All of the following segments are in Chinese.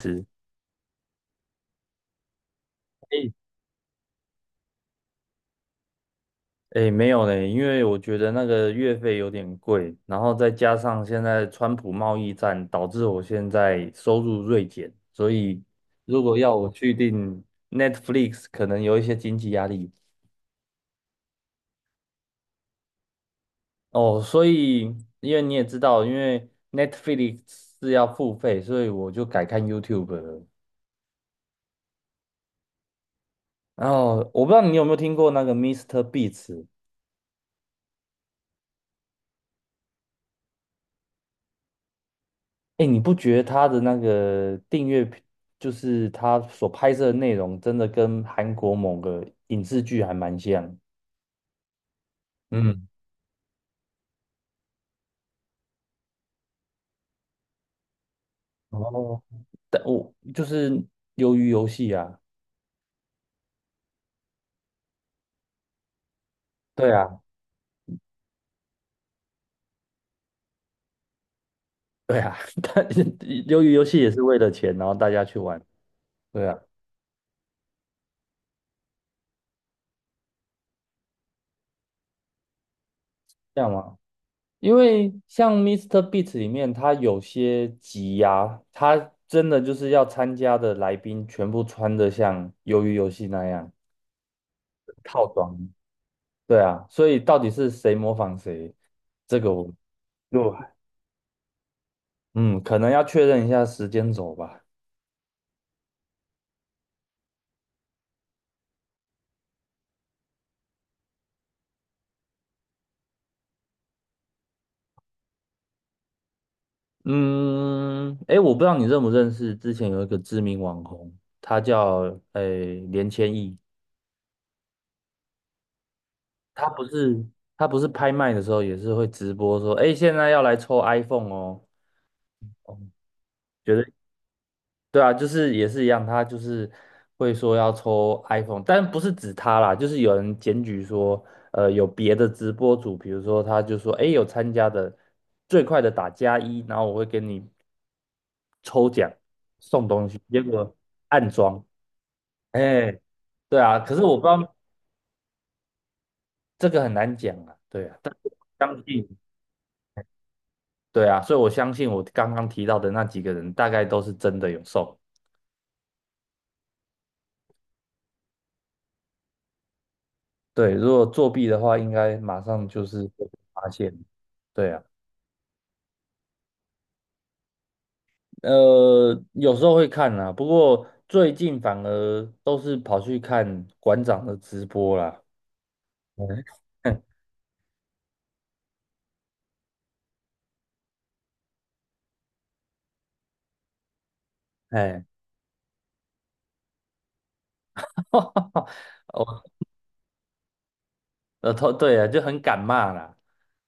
是，诶诶，没有嘞，因为我觉得那个月费有点贵，然后再加上现在川普贸易战，导致我现在收入锐减，所以如果要我去订 Netflix，可能有一些经济压力哦。所以，因为你也知道，因为 Netflix 是要付费，所以我就改看 YouTube 了。然后我不知道你有没有听过那个 Mr. Beats。 哎，你不觉得他的那个订阅频就是他所拍摄的内容，真的跟韩国某个影视剧还蛮像？嗯，哦，但我就是鱿鱼游戏啊。对啊，对啊，但鱿鱼游戏也是为了钱，然后大家去玩，对啊。这样吗？因为像 Mr. Beast 里面，他有些集呀、他真的就是要参加的来宾全部穿的像鱿鱼游戏那样套装。对啊，所以到底是谁模仿谁，这个我就嗯，可能要确认一下时间轴吧。嗯，哎，我不知道你认不认识，之前有一个知名网红，他叫诶连千亿，他不是他不是拍卖的时候也是会直播说，哎，现在要来抽 iPhone 哦。哦，绝对。对啊，就是也是一样，他就是会说要抽 iPhone，但不是指他啦，就是有人检举说，有别的直播主，比如说他就说，哎，有参加的最快的打加一，然后我会给你，结果暗装。哎，对啊，可是我不知道，这个很难讲啊。对啊，但是我相信。对啊，所以我相信我刚刚提到的那几个人大概都是真的有送。对，如果作弊的话，应该马上就是会被发现。对啊。有时候会看啦，不过最近反而都是跑去看馆长的直播啦。嗯。 哎，我头对啊，就很敢骂啦。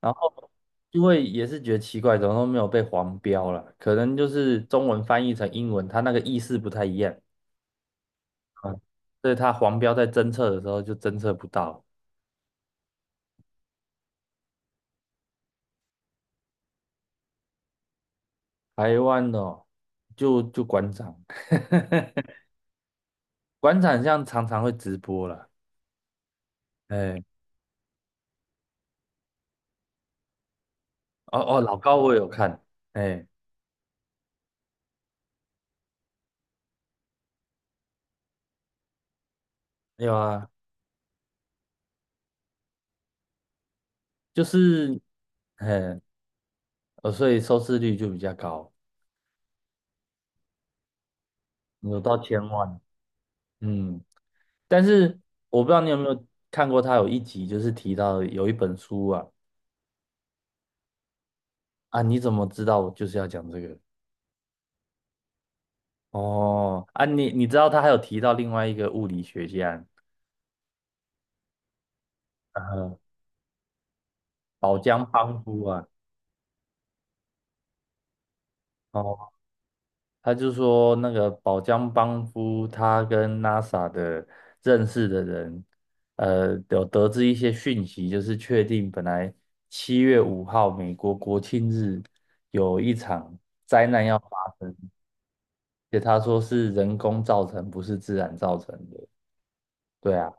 然后因为也是觉得奇怪，怎么都没有被黄标啦，可能就是中文翻译成英文，它那个意思不太一样。嗯，所以它黄标在侦测的时候就侦测不到。台湾哦，就馆长。馆长像常常会直播啦。哎。哦哦，老高我有看。哎，有啊，就是，哎，所以收视率就比较高，有到千万。嗯，但是我不知道你有没有看过，他有一集就是提到有一本书啊。啊，你怎么知道我就是要讲这个？哦，啊，你知道他还有提到另外一个物理学家，呃，宝江邦夫啊。哦。他就说那个宝江邦夫他跟 NASA 的认识的人，有得知一些讯息，就是确定本来7月5日美国国庆日有一场灾难要发生，而且他说是人工造成，不是自然造成的。对啊，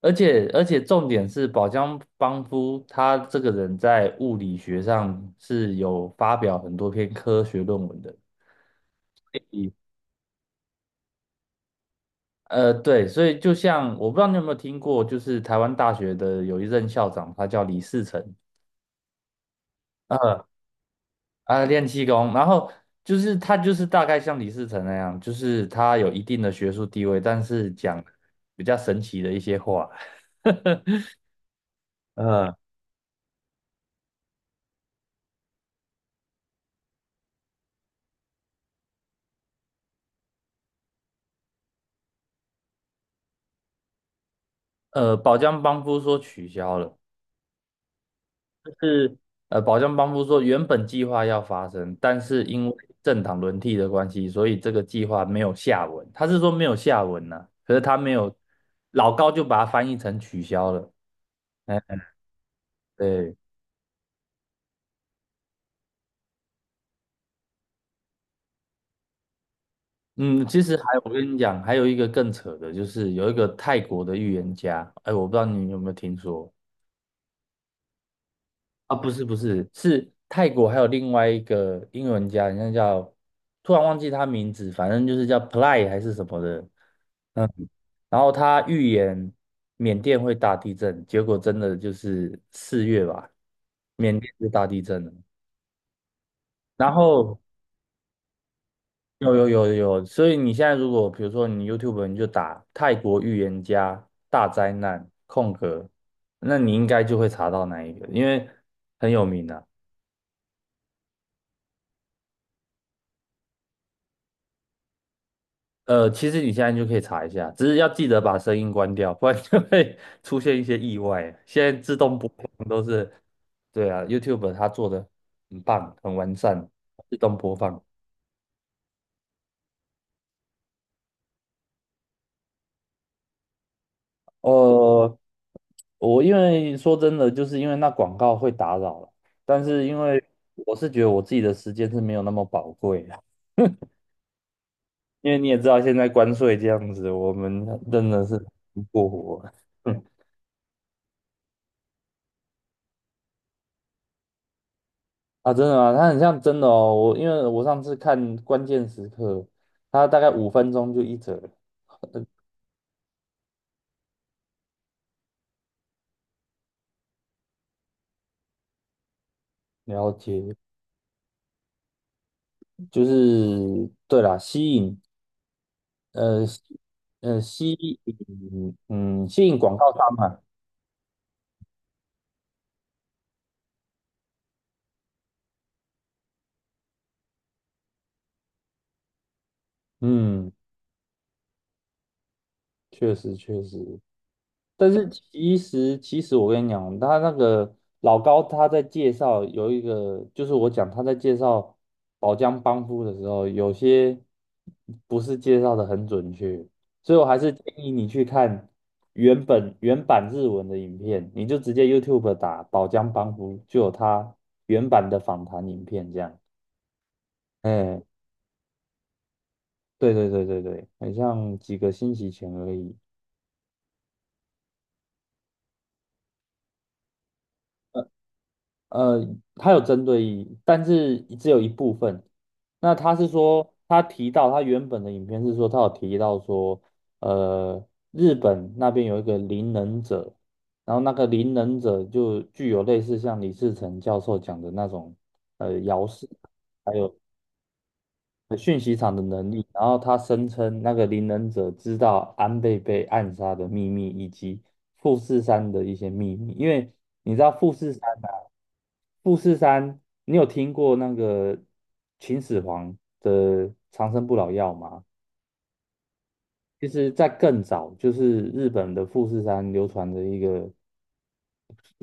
而且重点是宝江邦夫他这个人在物理学上是有发表很多篇科学论文的。对，所以就像我不知道你有没有听过，就是台湾大学的有一任校长，他叫李世成。呃啊，练气功。然后就是他就是大概像李世成那样，就是他有一定的学术地位，但是讲比较神奇的一些话。 呃宝江帮夫说取消了。宝江帮夫说原本计划要发生，但是因为政党轮替的关系，所以这个计划没有下文，他是说没有下文呢、可是他没有，老高就把它翻译成取消了。哎，对。嗯，其实还有我跟你讲，还有一个更扯的，就是有一个泰国的预言家。哎，我不知道你有没有听说。啊？不是不是，是泰国还有另外一个英文家，人家叫，突然忘记他名字，反正就是叫 Ply a 还是什么的。嗯，然后他预言缅甸会大地震，结果真的就是四月吧，缅甸就大地震了。然后有有有有，所以你现在如果比如说你 YouTube 你就打泰国预言家大灾难空格，那你应该就会查到那一个，因为很有名的、其实你现在就可以查一下，只是要记得把声音关掉，不然就会 出现一些意外啊。现在自动播放都是，对啊，YouTube 它做的很棒，很完善，自动播放。哦、我因为说真的，就是因为那广告会打扰了，但是因为我是觉得我自己的时间是没有那么宝贵的。因为你也知道现在关税这样子，我们真的是不过活了。嗯啊，真的啊，它很像真的哦。我因为我上次看关键时刻，它大概5分钟就一折了。了解，就是对啦，呃吸吸引广告商嘛。嗯，确实确实。但是其实我跟你讲，他那个老高他在介绍有一个，就是我讲他在介绍宝江帮夫的时候，有些不是介绍的很准确，所以我还是建议你去看原版日文的影片，你就直接 YouTube 打宝江帮夫，就有他原版的访谈影片这样。哎，对对对对对，很像几个星期前而已。呃，他有针对，意义，但是只有一部分。那他是说，他提到他原本的影片是说，他有提到说，呃，日本那边有一个灵能者，然后那个灵能者就具有类似像李自成教授讲的那种，呃，还有。讯息场的能力，然后他声称那个灵能者知道安倍被暗杀的秘密以及富士山的一些秘密，因为你知道富士山啊，富士山，你有听过那个秦始皇的长生不老药吗？其实，在更早，就是日本的富士山流传着一个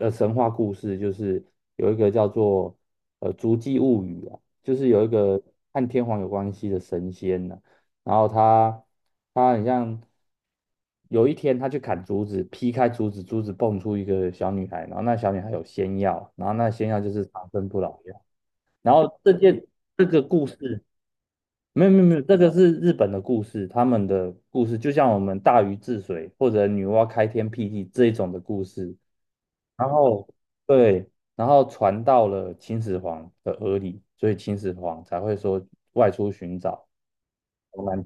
神话故事，就是有一个叫做《足迹物语》啊，就是有一个和天皇有关系的神仙呢、然后他很像有一天他去砍竹子，劈开竹子，竹子蹦出一个小女孩，然后那小女孩有仙药，然后那仙药就是长生不老药。然后这个故事没有没有没有，这个是日本的故事，他们的故事就像我们大禹治水或者女娲开天辟地这一种的故事。然后对，然后传到了秦始皇的耳里，所以秦始皇才会说外出寻找东南，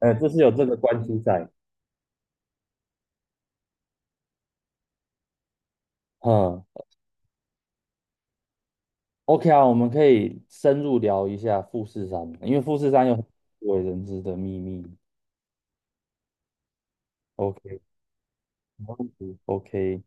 呃，这是有这个关系在。嗯，OK 啊，我们可以深入聊一下富士山，因为富士山有不为人知的秘密。OK，没问题。OK。